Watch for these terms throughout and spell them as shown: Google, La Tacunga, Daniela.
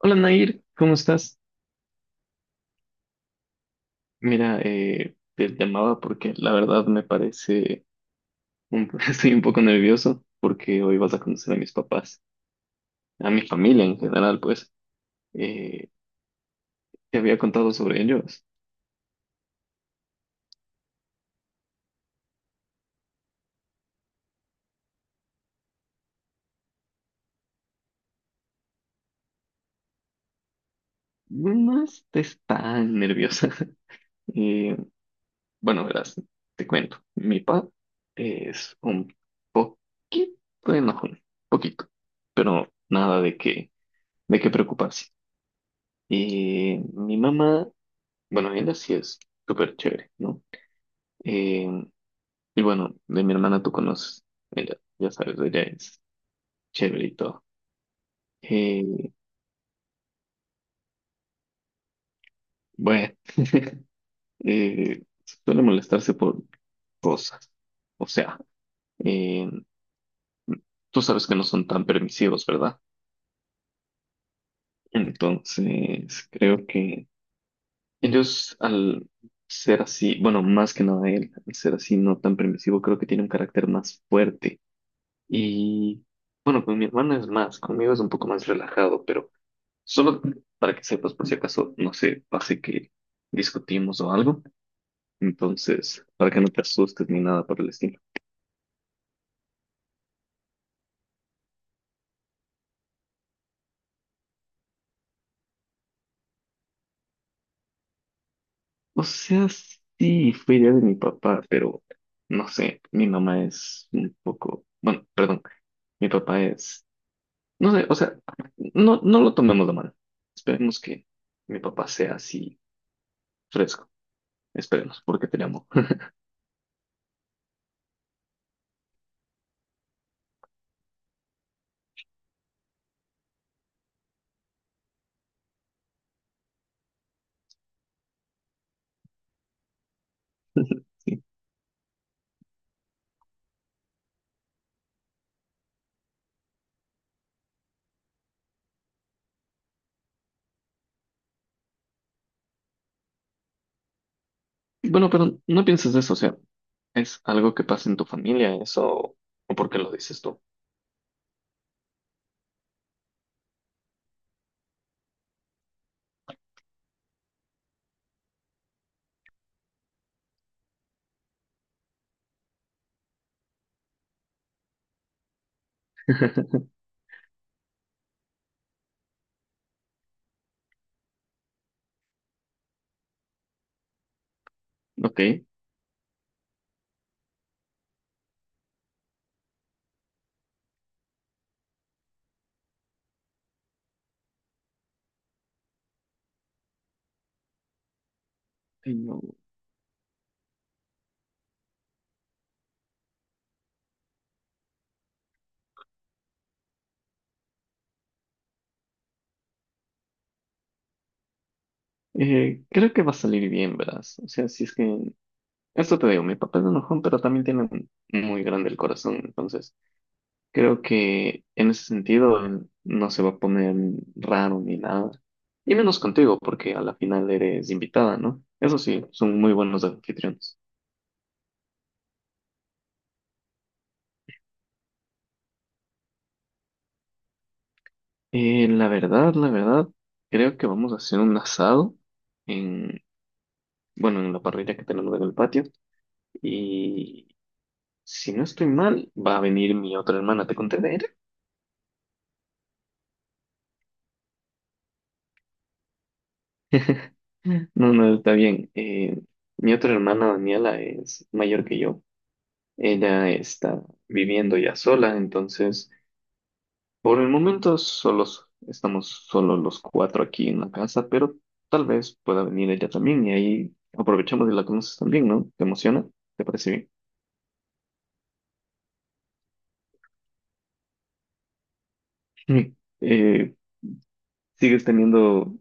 Hola Nair, ¿cómo estás? Mira, te llamaba porque la verdad me parece, estoy un poco nervioso porque hoy vas a conocer a mis papás, a mi familia en general, pues. Eh, te había contado sobre ellos. No estés tan nerviosa. Eh, bueno, verás, te cuento. Mi papá es un poquito enojón, poquito, pero nada de qué, de qué preocuparse. Y mi mamá, bueno, ella sí es súper chévere, ¿no? Eh, y bueno, de mi hermana tú conoces, ella, ya sabes, ella es chévere y todo. Eh, bueno, eh, suele molestarse por cosas. O sea, eh, tú sabes que no son tan permisivos, ¿verdad? Entonces, creo que ellos al ser así, bueno, más que nada él, al ser así no tan permisivo, creo que tiene un carácter más fuerte. Y bueno, con mi hermana es más, conmigo es un poco más relajado, pero... Solo para que sepas, por si acaso, no sé, pase que discutimos o algo. Entonces, para que no te asustes ni nada por el estilo. O sea, sí, fue idea de mi papá, pero no sé, mi mamá es un poco, bueno, perdón, mi papá es, no sé, o sea, no lo tomemos de mal. Esperemos que mi papá sea así fresco. Esperemos, porque te llamo. Sí. Bueno, pero no pienses eso, o sea, ¿es algo que pasa en tu familia eso o por qué lo dices tú? Ok, no. Creo que va a salir bien, verás. O sea, si es que... Esto te digo, mi papá es enojón, pero también tiene muy grande el corazón. Entonces, creo que en ese sentido él no se va a poner raro ni nada. Y menos contigo, porque a la final eres invitada, ¿no? Eso sí, son muy buenos anfitriones. La verdad, creo que vamos a hacer un asado en, bueno, en la parrilla que tenemos en el patio. Si no estoy mal, va a venir mi otra hermana. ¿Te conté de ella? No, no, está bien. Mi otra hermana, Daniela, es mayor que yo. Ella está viviendo ya sola, entonces por el momento solos, estamos solo los cuatro aquí en la casa, pero tal vez pueda venir ella también y ahí aprovechamos y la conoces también, ¿no? ¿Te emociona? ¿Te parece bien? Mm. Eh, ¿Sigues teniendo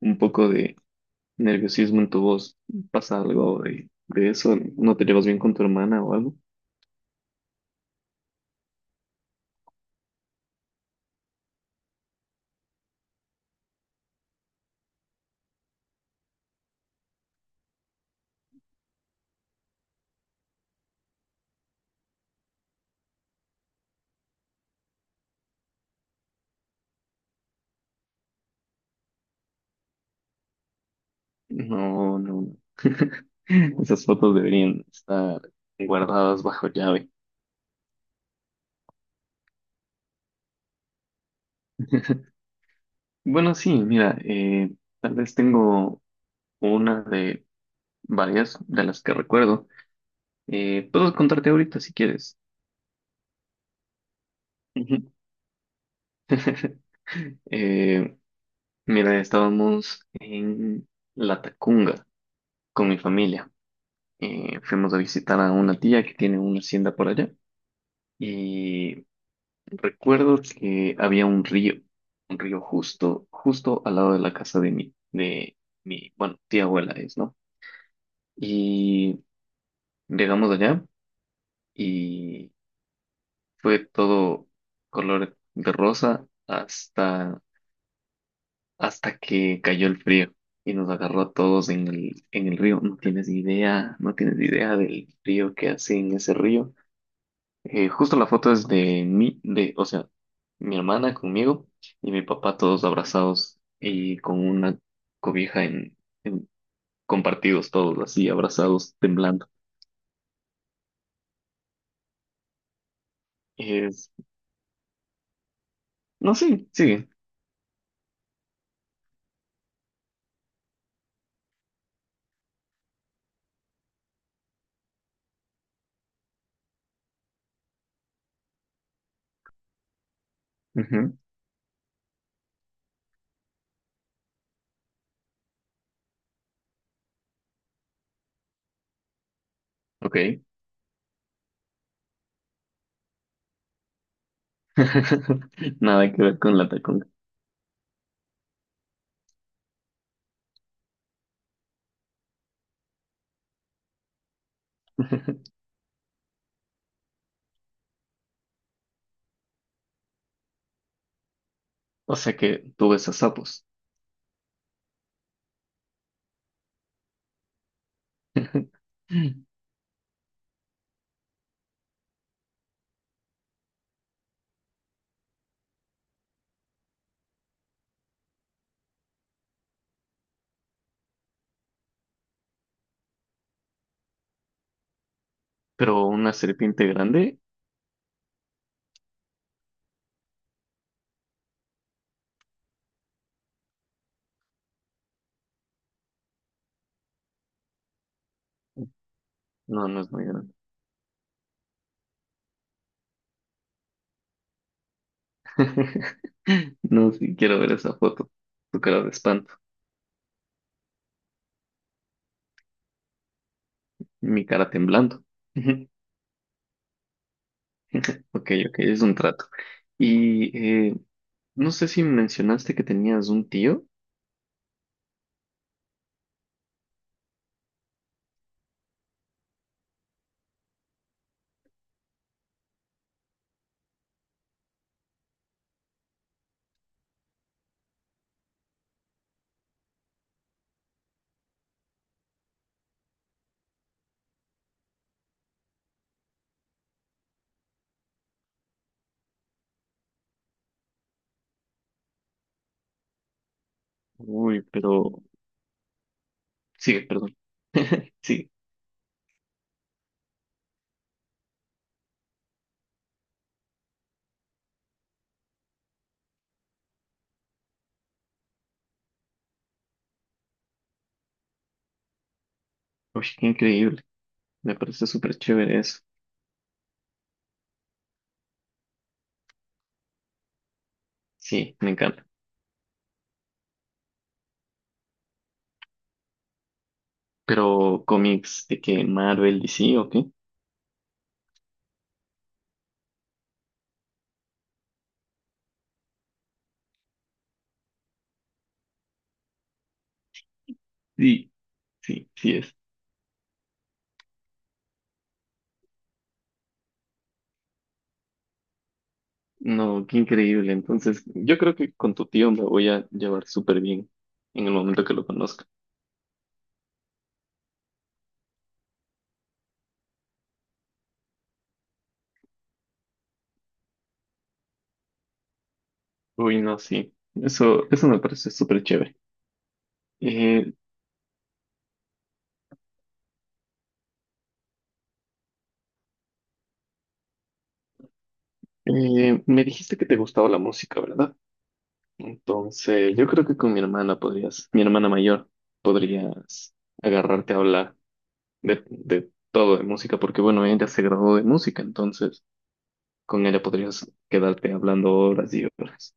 un poco de nerviosismo en tu voz? ¿Pasa algo de eso? ¿No te llevas bien con tu hermana o algo? No, no, no. Esas fotos deberían estar guardadas bajo llave. Bueno, sí, mira, tal vez tengo una de varias de las que recuerdo. Puedo contarte ahorita si quieres. Ujú. Eh, mira, estábamos en La Tacunga con mi familia. Fuimos a visitar a una tía que tiene una hacienda por allá. Y recuerdo que había un río justo, justo al lado de la casa de bueno, tía abuela es, ¿no? Y llegamos allá y fue todo color de rosa hasta, hasta que cayó el frío y nos agarró a todos en el río. No tienes idea, no tienes idea del frío que hace en ese río. Justo la foto es de mí, de, o sea, mi hermana conmigo y mi papá todos abrazados y con una cobija en, en- compartidos todos así, abrazados, temblando. Es, no, sí, sigue. Ujú, ok. Nada que ver con la tacón. O sea que tú ves a sapos. Pero una serpiente grande, no, no es muy grande. No, sí, quiero ver esa foto. Tu cara de espanto, mi cara temblando. Ok, ok, es un trato. Y eh, no sé si mencionaste que tenías un tío. Uy, pero sigue, perdón. Sí, uy, qué increíble. Me parece súper chévere eso. Sí, me encanta. Pero cómics de que Marvel, DC, ¿o qué? Sí, sí, sí es. No, qué increíble. Entonces, yo creo que con tu tío me voy a llevar súper bien en el momento que lo conozca. Uy, no, sí. Eso me parece súper chévere. Eh, me dijiste que te gustaba la música, ¿verdad? Entonces, yo creo que con mi hermana podrías, mi hermana mayor, podrías agarrarte a hablar de todo, de música, porque bueno, ella se graduó de música, entonces con ella podrías quedarte hablando horas y horas.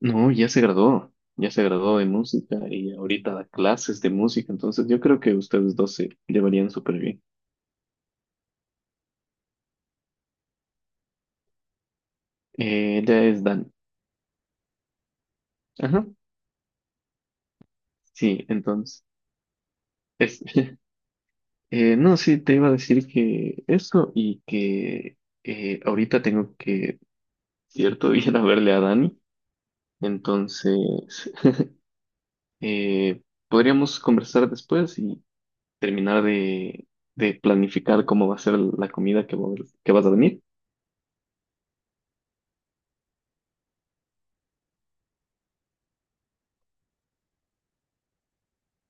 No, ya se graduó de música y ahorita da clases de música, entonces yo creo que ustedes dos se llevarían súper bien. Ella es Dan. Ajá. Sí, entonces, es, no, sí, te iba a decir que eso y que ahorita tengo que, cierto, ir a verle a Dani. Entonces, eh, podríamos conversar después y terminar de planificar cómo va a ser la comida que, que vas a venir.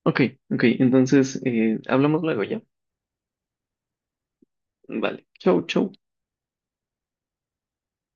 Ok, ok, entonces hablamos luego ya. Vale, chau, chau.